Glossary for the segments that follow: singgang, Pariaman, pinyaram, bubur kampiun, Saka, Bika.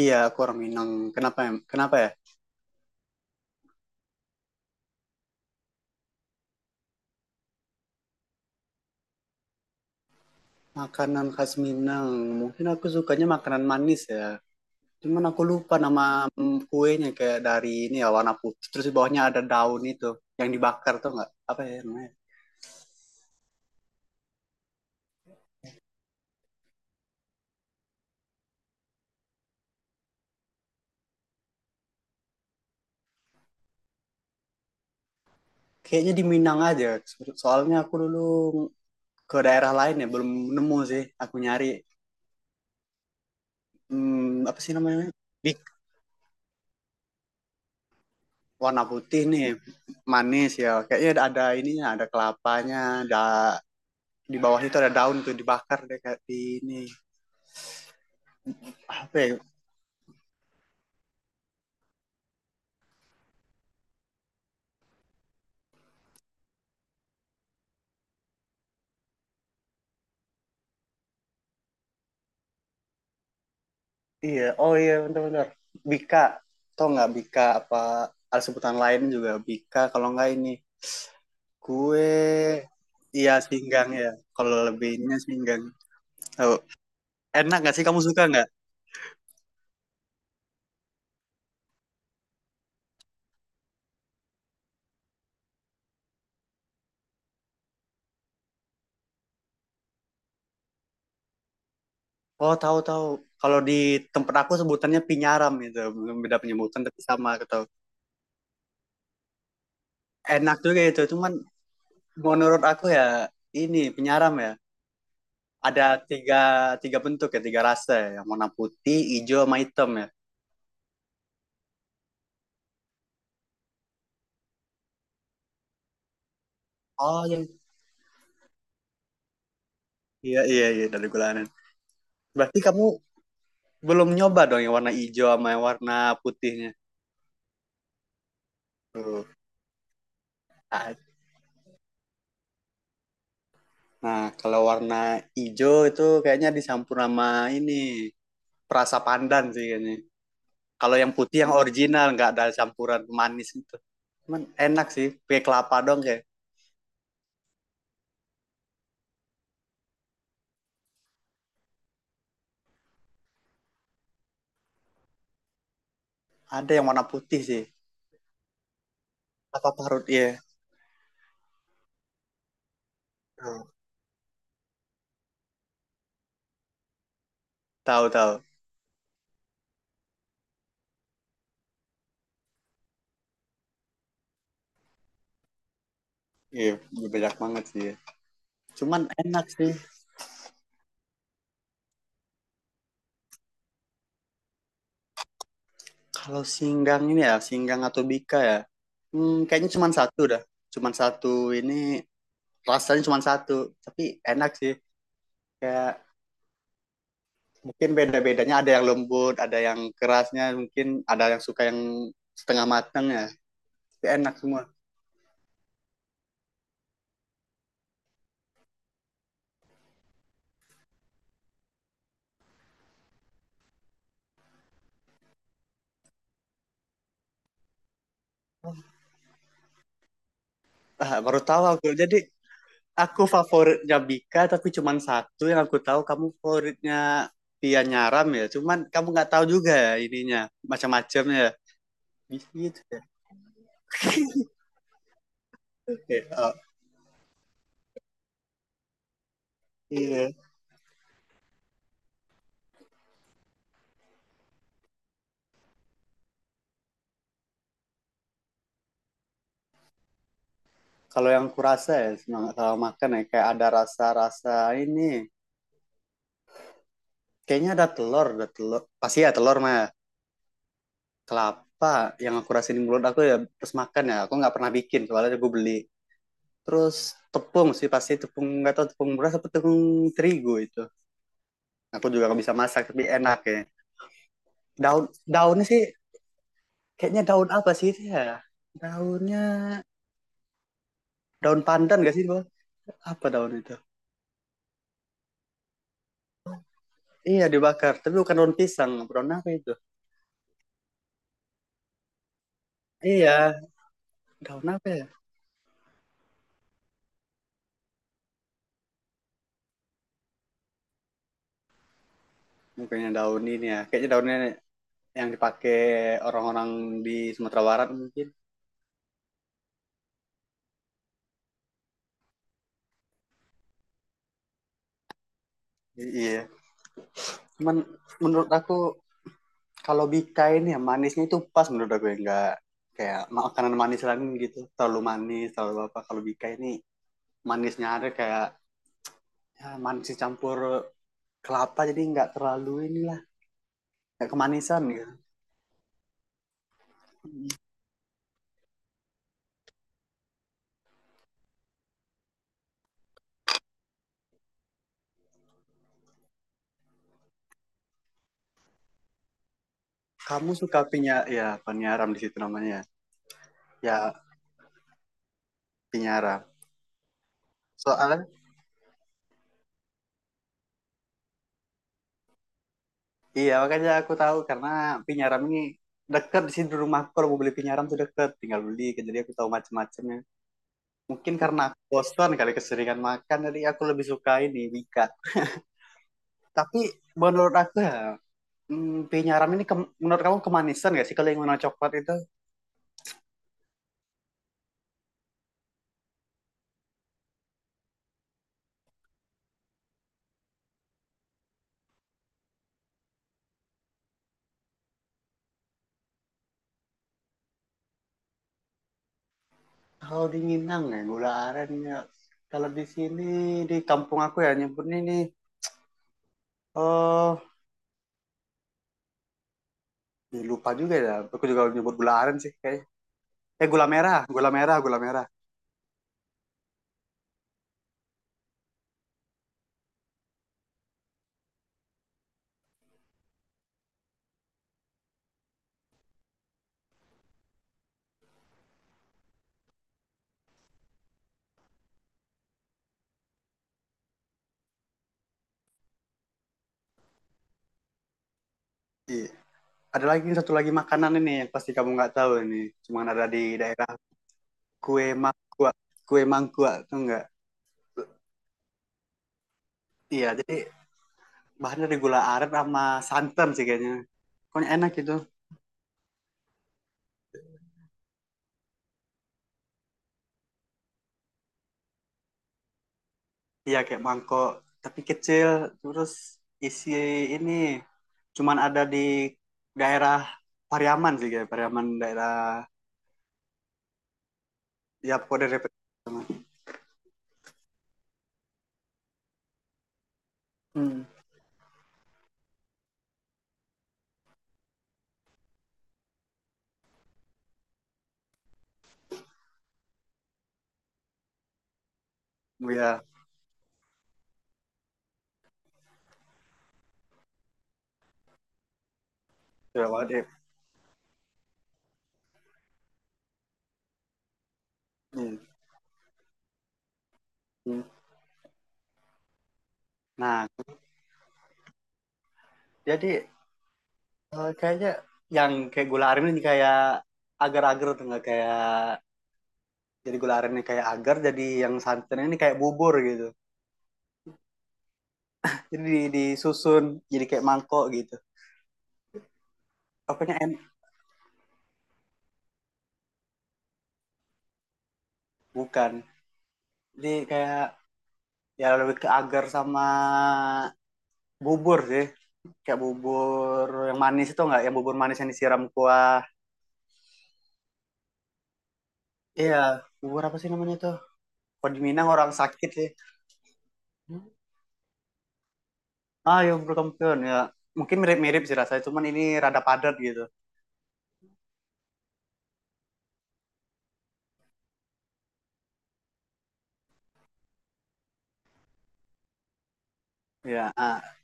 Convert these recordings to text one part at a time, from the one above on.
Iya, aku orang Minang. Kenapa ya? Kenapa ya? Makanan khas Minang. Mungkin aku sukanya makanan manis ya. Cuman aku lupa nama kuenya kayak dari ini ya warna putih. Terus di bawahnya ada daun itu yang dibakar tuh nggak? Apa ya namanya? Kayaknya di Minang aja. Soalnya aku dulu ke daerah lain ya belum nemu sih. Aku nyari apa sih namanya? Bik warna putih nih manis ya. Kayaknya ada ininya, ada kelapanya, ada di bawahnya itu ada daun tuh dibakar deh kayak di ini apa ya? Iya, oh iya bener-bener. Bika, tau nggak Bika apa ada sebutan lain juga Bika kalau nggak ini kue iya singgang ya. Kalau lebihnya singgang. Tahu. Enak nggak sih kamu suka nggak? Oh, tahu tahu. Kalau di tempat aku sebutannya pinyaram gitu. Belum beda penyebutan tapi sama gitu. Enak juga itu, cuman menurut aku ya ini pinyaram ya. Ada tiga tiga bentuk ya, tiga rasa ya. Yang warna putih, hijau, sama hitam ya. Oh iya. Iya, iya, iya, dari gulana. Berarti kamu belum nyoba dong yang warna hijau sama yang warna putihnya. Tuh. Ah, nah, kalau warna hijau itu kayaknya dicampur sama ini perasa pandan sih kayaknya. Kalau yang putih yang original nggak ada campuran manis itu. Cuman enak sih, pakai kelapa dong kayak. Ada yang warna putih sih, apa parut ya. Tahu tahu. Iya, banyak banget sih, ya. Cuman enak sih kalau singgang ini ya, singgang atau bika ya. Hmm, kayaknya cuman satu dah. Cuman satu ini rasanya cuma satu tapi enak sih kayak mungkin beda-bedanya ada yang lembut ada yang kerasnya mungkin ada yang suka yang setengah matang ya tapi enak semua. Ah, baru tahu aku jadi aku favoritnya Bika tapi cuma satu yang aku tahu kamu favoritnya Tia Nyaram ya cuman kamu nggak tahu juga ya ininya macam-macamnya ya. Bisa gitu ya. Oke, oh, iya kalau yang kurasa ya semangat sama makan ya kayak ada rasa-rasa ini kayaknya ada telur pasti ya telur mah kelapa yang aku rasain di mulut aku ya terus makan ya aku nggak pernah bikin soalnya gue beli terus tepung sih pasti tepung nggak tahu tepung beras atau tepung terigu itu aku juga nggak bisa masak tapi enak ya. Daun daunnya sih kayaknya daun apa sih itu ya daunnya daun pandan gak sih bang apa daun itu iya dibakar tapi bukan daun pisang daun apa itu iya daun apa ya mungkinnya daun ini ya kayaknya daunnya yang dipakai orang-orang di Sumatera Barat mungkin iya. Men- Menurut aku kalau Bika ini ya manisnya itu pas menurut aku ya nggak kayak makanan manis lain gitu terlalu manis terlalu apa kalau Bika ini manisnya ada kayak ya, manis campur kelapa jadi nggak terlalu inilah nggak kemanisan ya. Kamu suka pinya ya penyaram di situ namanya ya pinyaram soalnya iya makanya aku tahu karena pinyaram ini dekat di sini di rumahku kalau mau beli pinyaram tuh dekat tinggal beli kan. Jadi aku tahu macam-macamnya. Mungkin karena aku bosan kali keseringan makan, jadi aku lebih suka ini Wika. Tapi menurut aku ya, hmm, penyaram ini menurut kamu kemanisan gak sih kalau yang warna coklat itu? Kalau di Minang ya gula aren ya. Kalau di sini di kampung aku ya nyebutnya ini oh ih, lupa juga ya. Aku juga nyebut gula aren sih kayaknya. Eh, gula merah, gula merah. Iya. Ada lagi satu lagi makanan ini yang pasti kamu nggak tahu ini, cuma ada di daerah kue mangkuak. Kue mangkuak tuh nggak iya, jadi bahannya dari gula aren sama santan sih kayaknya. Pokoknya enak gitu. Iya kayak mangkok, tapi kecil. Terus isi ini cuman ada di daerah Pariaman sih kayak Pariaman daerah ya pokoknya dari Pariaman. Hmm. Iya, sudah banget ya. Hmm. Hmm. Nah, jadi eh, kayaknya yang kayak gula aren ini kayak agar-agar tuh nggak kayak jadi gula arennya kayak agar, jadi yang santannya ini kayak bubur gitu. Jadi disusun jadi kayak mangkok gitu. Apanya en bukan. Jadi kayak ya lebih ke agar sama bubur sih. Kayak bubur yang manis itu enggak, yang bubur manis yang disiram kuah. Iya, bubur apa sih namanya tuh? Kalau di Minang orang sakit sih. Ah, ya bubur kampiun ya. Mungkin mirip-mirip sih rasanya, cuman ini rada padat gitu. Ya, ah,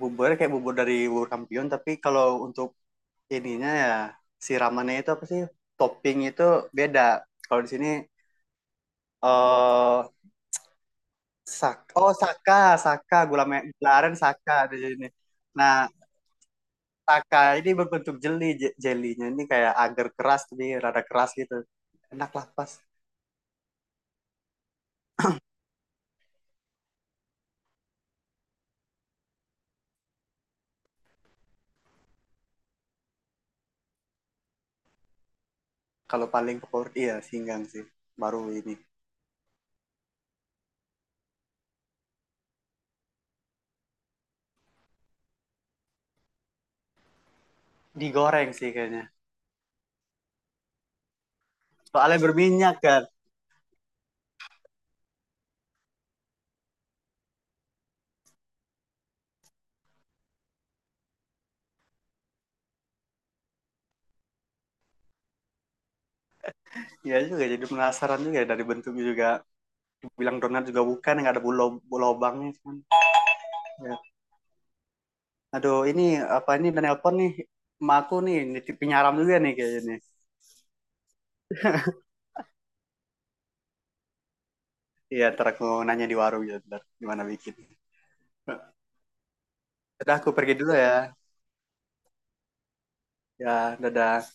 buburnya kayak bubur dari bubur kampiun, tapi kalau untuk ininya ya siramannya itu apa sih? Topping itu beda. Kalau di sini eh Sak oh Saka, Saka gula gula aren Saka ada jadi ini. Nah, Saka ini berbentuk jeli, jelinya ini kayak agar keras tapi rada keras gitu. Enak lah pas. Kalau paling favorit iya singgang sih. Baru ini digoreng sih kayaknya. Soalnya berminyak kan. Iya juga jadi penasaran juga dari bentuknya juga. Bilang donat juga bukan nggak ada bulu lubangnya cuman. Ya. Aduh ini apa ini dan nelpon nih. Emak aku nih nitip penyaram juga nih kayaknya nih. Iya, ntar aku nanya di warung ya, ntar gimana bikin. Udah aku pergi dulu ya. Ya, dadah.